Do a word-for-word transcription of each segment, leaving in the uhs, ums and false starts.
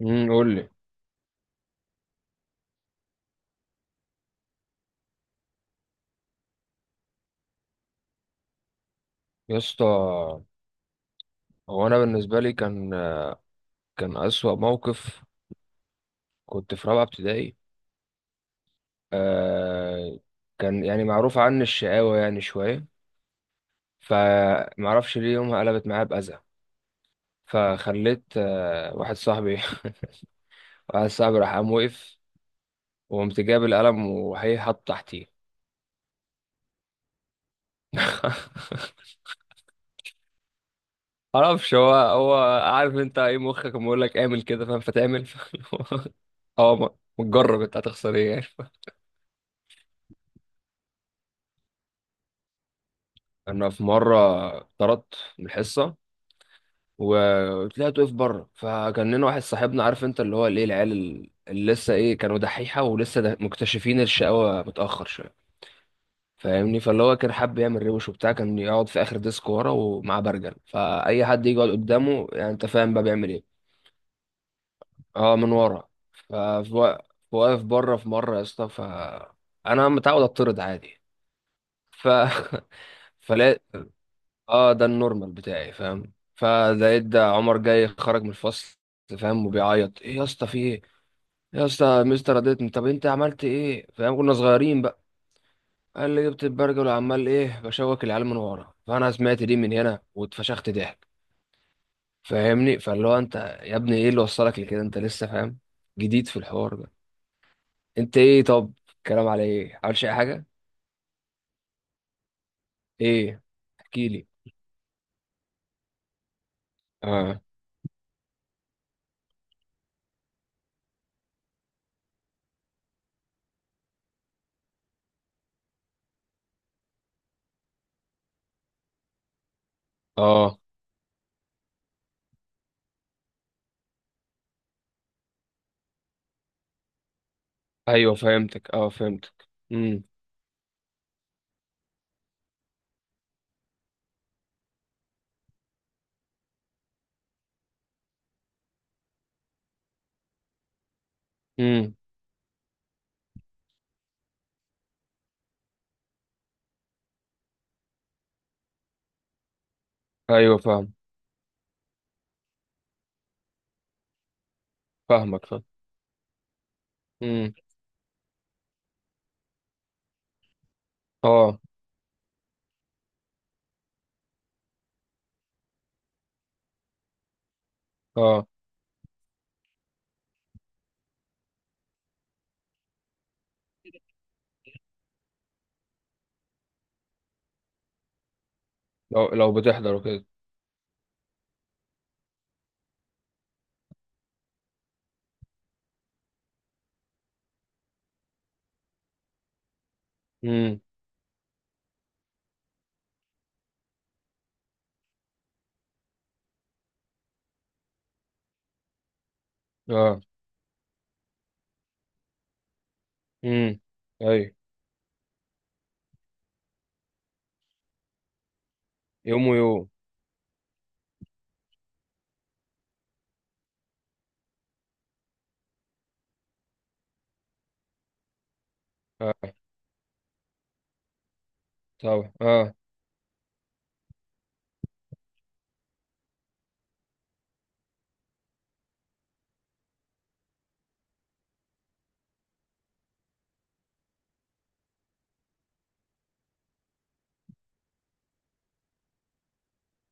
امم قول لي. يا اسطى، هو انا بالنسبه لي كان كان اسوأ موقف، كنت في رابعه ابتدائي. آه، كان يعني معروف عني الشقاوه يعني شويه. فمعرفش ليه يومها قلبت معايا باذى، فخليت آه واحد صاحبي واحد صاحبي راح قام وقف، وقمت جاب القلم وهي حاطه تحتيه. معرفش هو هو. عارف انت ايه مخك بيقول لك اعمل كده فاهم فتعمل. اه، ما- ما تجرب، انت هتخسر ايه يعني؟ انا في مره طردت من الحصه، وطلعت واقف بره. فكان لنا واحد صاحبنا، عارف انت اللي هو الايه، العيال ال- اللي لسه ايه كانوا دحيحه ولسه ده مكتشفين الشقاوه متاخر شويه، فاهمني؟ فاللي هو كان حابب يعمل روش وبتاع، كان يقعد في اخر ديسك ورا ومعاه برجل. فاي حد يجي يقعد قدامه، يعني انت فاهم بقى بيعمل ايه. اه، من ورا. فواقف بره في مره يا اسطى، فانا متعود اتطرد عادي. ف فلا، اه، ده النورمال بتاعي فاهم. فلقيت ده عمر جاي خرج من الفصل فاهم وبيعيط. ايه يا اسطى، في ايه؟ يا اسطى مستر رضيتني. طب انت عملت ايه؟ فاهم كنا صغيرين بقى. قال لي جبت البرجل وعمال ايه بشوك العيال من ورا. فانا سمعت دي من هنا واتفشخت ضحك، فاهمني. فاللي هو انت يا ابني ايه اللي وصلك لكده؟ انت لسه فاهم جديد في الحوار ده. انت ايه؟ طب الكلام على ايه؟ عملش اي حاجه؟ ايه؟ احكي لي. اه. اه، ايوه فهمتك، اه فهمتك. امم. امم. ايوه فاهم. فاهمك فاهم. امم. اه. اه. لو لو بتحضر وكده. امم. اه. امم. ايوه. يوم ويوم. اه طبعا. اه.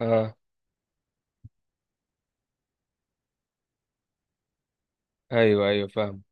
اه. ايوه ايوه فاهم.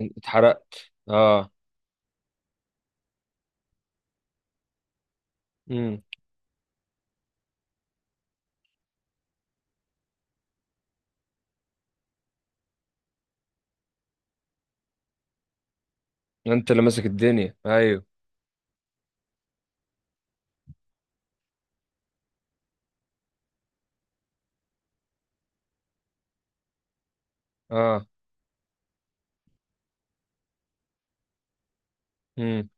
اتحرقت اه. امم. انت اللي ماسك الدنيا، ايوه. اه. امم.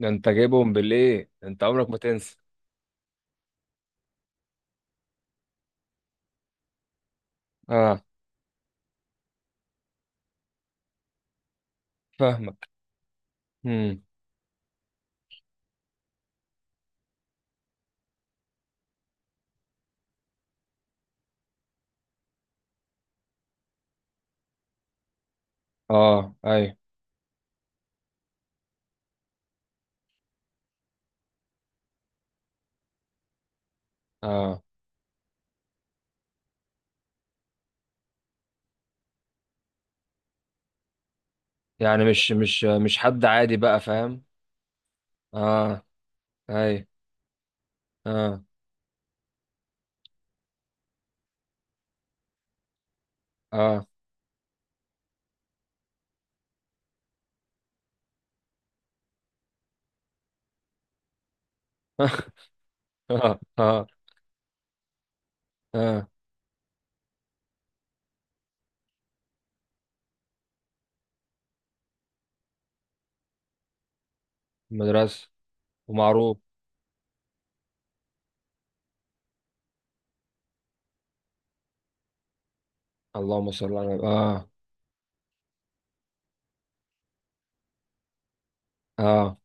ده انت جايبهم بالايه، ده انت عمرك ما تنسى. اه. فاهمك. امم. اه. ايوه. اه. يعني مش مش مش حد عادي بقى فاهم. اه. ايوه. اه. اه. اه. اه, آه. مدرسة. ومعروف. اللهم صل على اه. اه.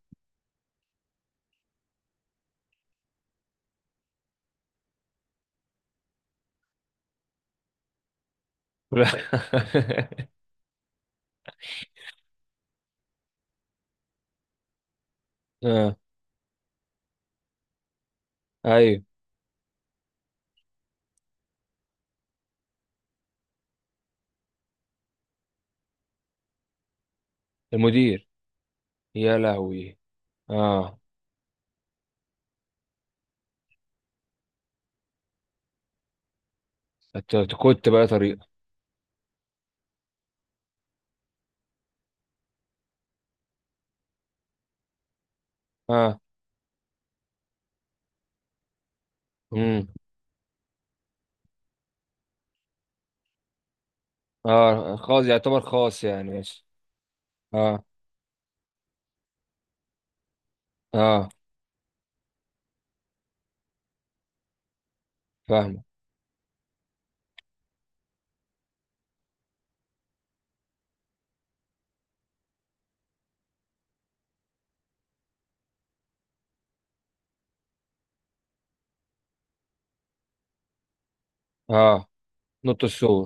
اه، ايوه. المدير. يا لهوي. اه. أت- أت- كنت بقى طريقة. اه. امم. اه، خاص يعتبر خاص يعني ماشي. اه. اه فاهمة. اه. نط السور.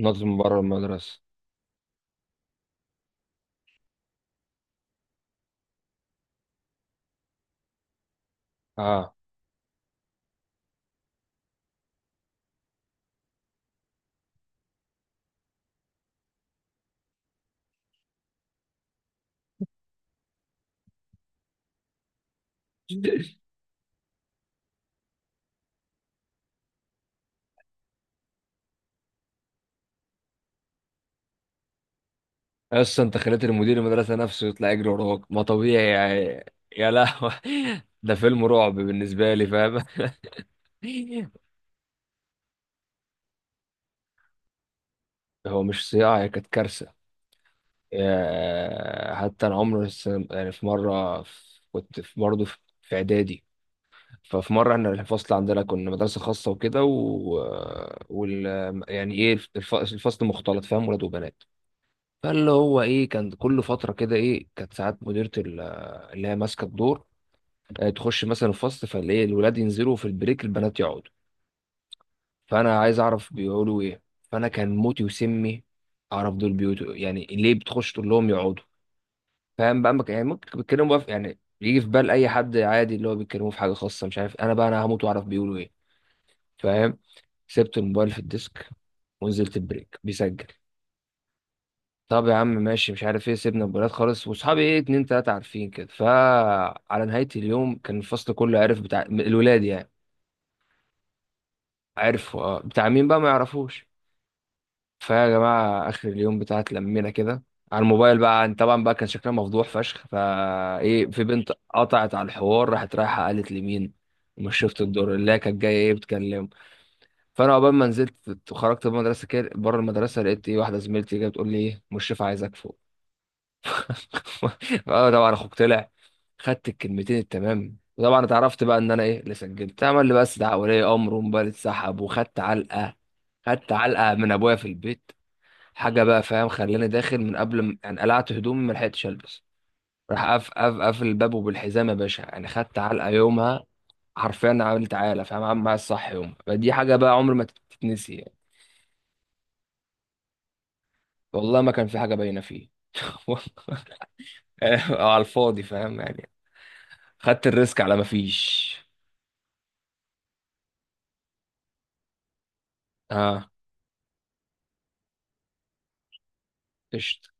نط من بره المدرسة. اه. اصلا انت خليت المدير المدرسة نفسه يطلع يجري وراك، ما طبيعي يعني. يا لهوي. ده فيلم رعب بالنسبة لي فاهم. هو مش صياعة، هي كانت كارثة. آه، حتى انا عمري س- يعني في مره في- كنت في برضه في في اعدادي. ففي مره احنا الفصل عندنا كنا مدرسه خاصه وكده و... وال يعني ايه الف- الفصل مختلط فاهم ولاد وبنات. فاللي هو ايه كان كل فتره كده ايه كانت ساعات مديره ال- اللي هي ماسكه الدور. آه، تخش مثلا الفصل، فالاقي الولاد ينزلوا في البريك، البنات يقعدوا. فانا عايز اعرف بيقولوا ايه. فانا كان موتي وسمي اعرف دول بيوتوا، يعني ليه بتخش تقول لهم يقعدوا. فاهم بقى، مك- يعني ممكن بيتكلموا بقى في، يعني يجي في بال اي حد عادي اللي هو بيتكلموا في حاجه خاصه، مش عارف، انا بقى انا هموت واعرف بيقولوا ايه فاهم. سبت الموبايل في الديسك ونزلت البريك بيسجل. طب يا عم، ماشي، مش عارف ايه، سيبنا الموبايلات خالص، واصحابي ايه اتنين تلاته عارفين كده. فعلى نهايه اليوم كان الفصل كله عارف بتاع الولاد يعني. عرفوا اه، بتاع مين بقى ما يعرفوش. فيا جماعة آخر اليوم بتاع اتلمينا كده على الموبايل بقى، طبعا بقى كان شكلها مفضوح فشخ. فا إيه، في بنت قطعت على الحوار، راحت رايحة قالت لمين؟ ومش شفت الدور اللي هي كانت جاية إيه بتكلمه. فأنا عقبال ما نزلت وخرجت من المدرسة كده بره المدرسة، لقيت إيه واحدة زميلتي جاية بتقول لي إيه، مشرف عايزك فوق. أه طبعا، أخوك طلع. خدت الكلمتين التمام، وطبعا اتعرفت بقى إن أنا إيه اللي سجلت عمل لي، بس ده ولي أمر، وموبايل اتسحب وخدت علقة. خدت علقة من أبويا في البيت. حاجه بقى فاهم، خلاني داخل من قبل ما يعني قلعت هدومي ما لحقتش البس. راح قف قف قفل الباب، وبالحزام يا باشا، يعني خدت علقه يومها. حرفيا عملت عاله فاهم، عامل معايا الصح يومها، فدي حاجه بقى عمر ما تتنسي يعني. والله ما كان في حاجه باينه فيه. على الفاضي فاهم يعني، خدت الريسك على ما فيش. اه. قشطة.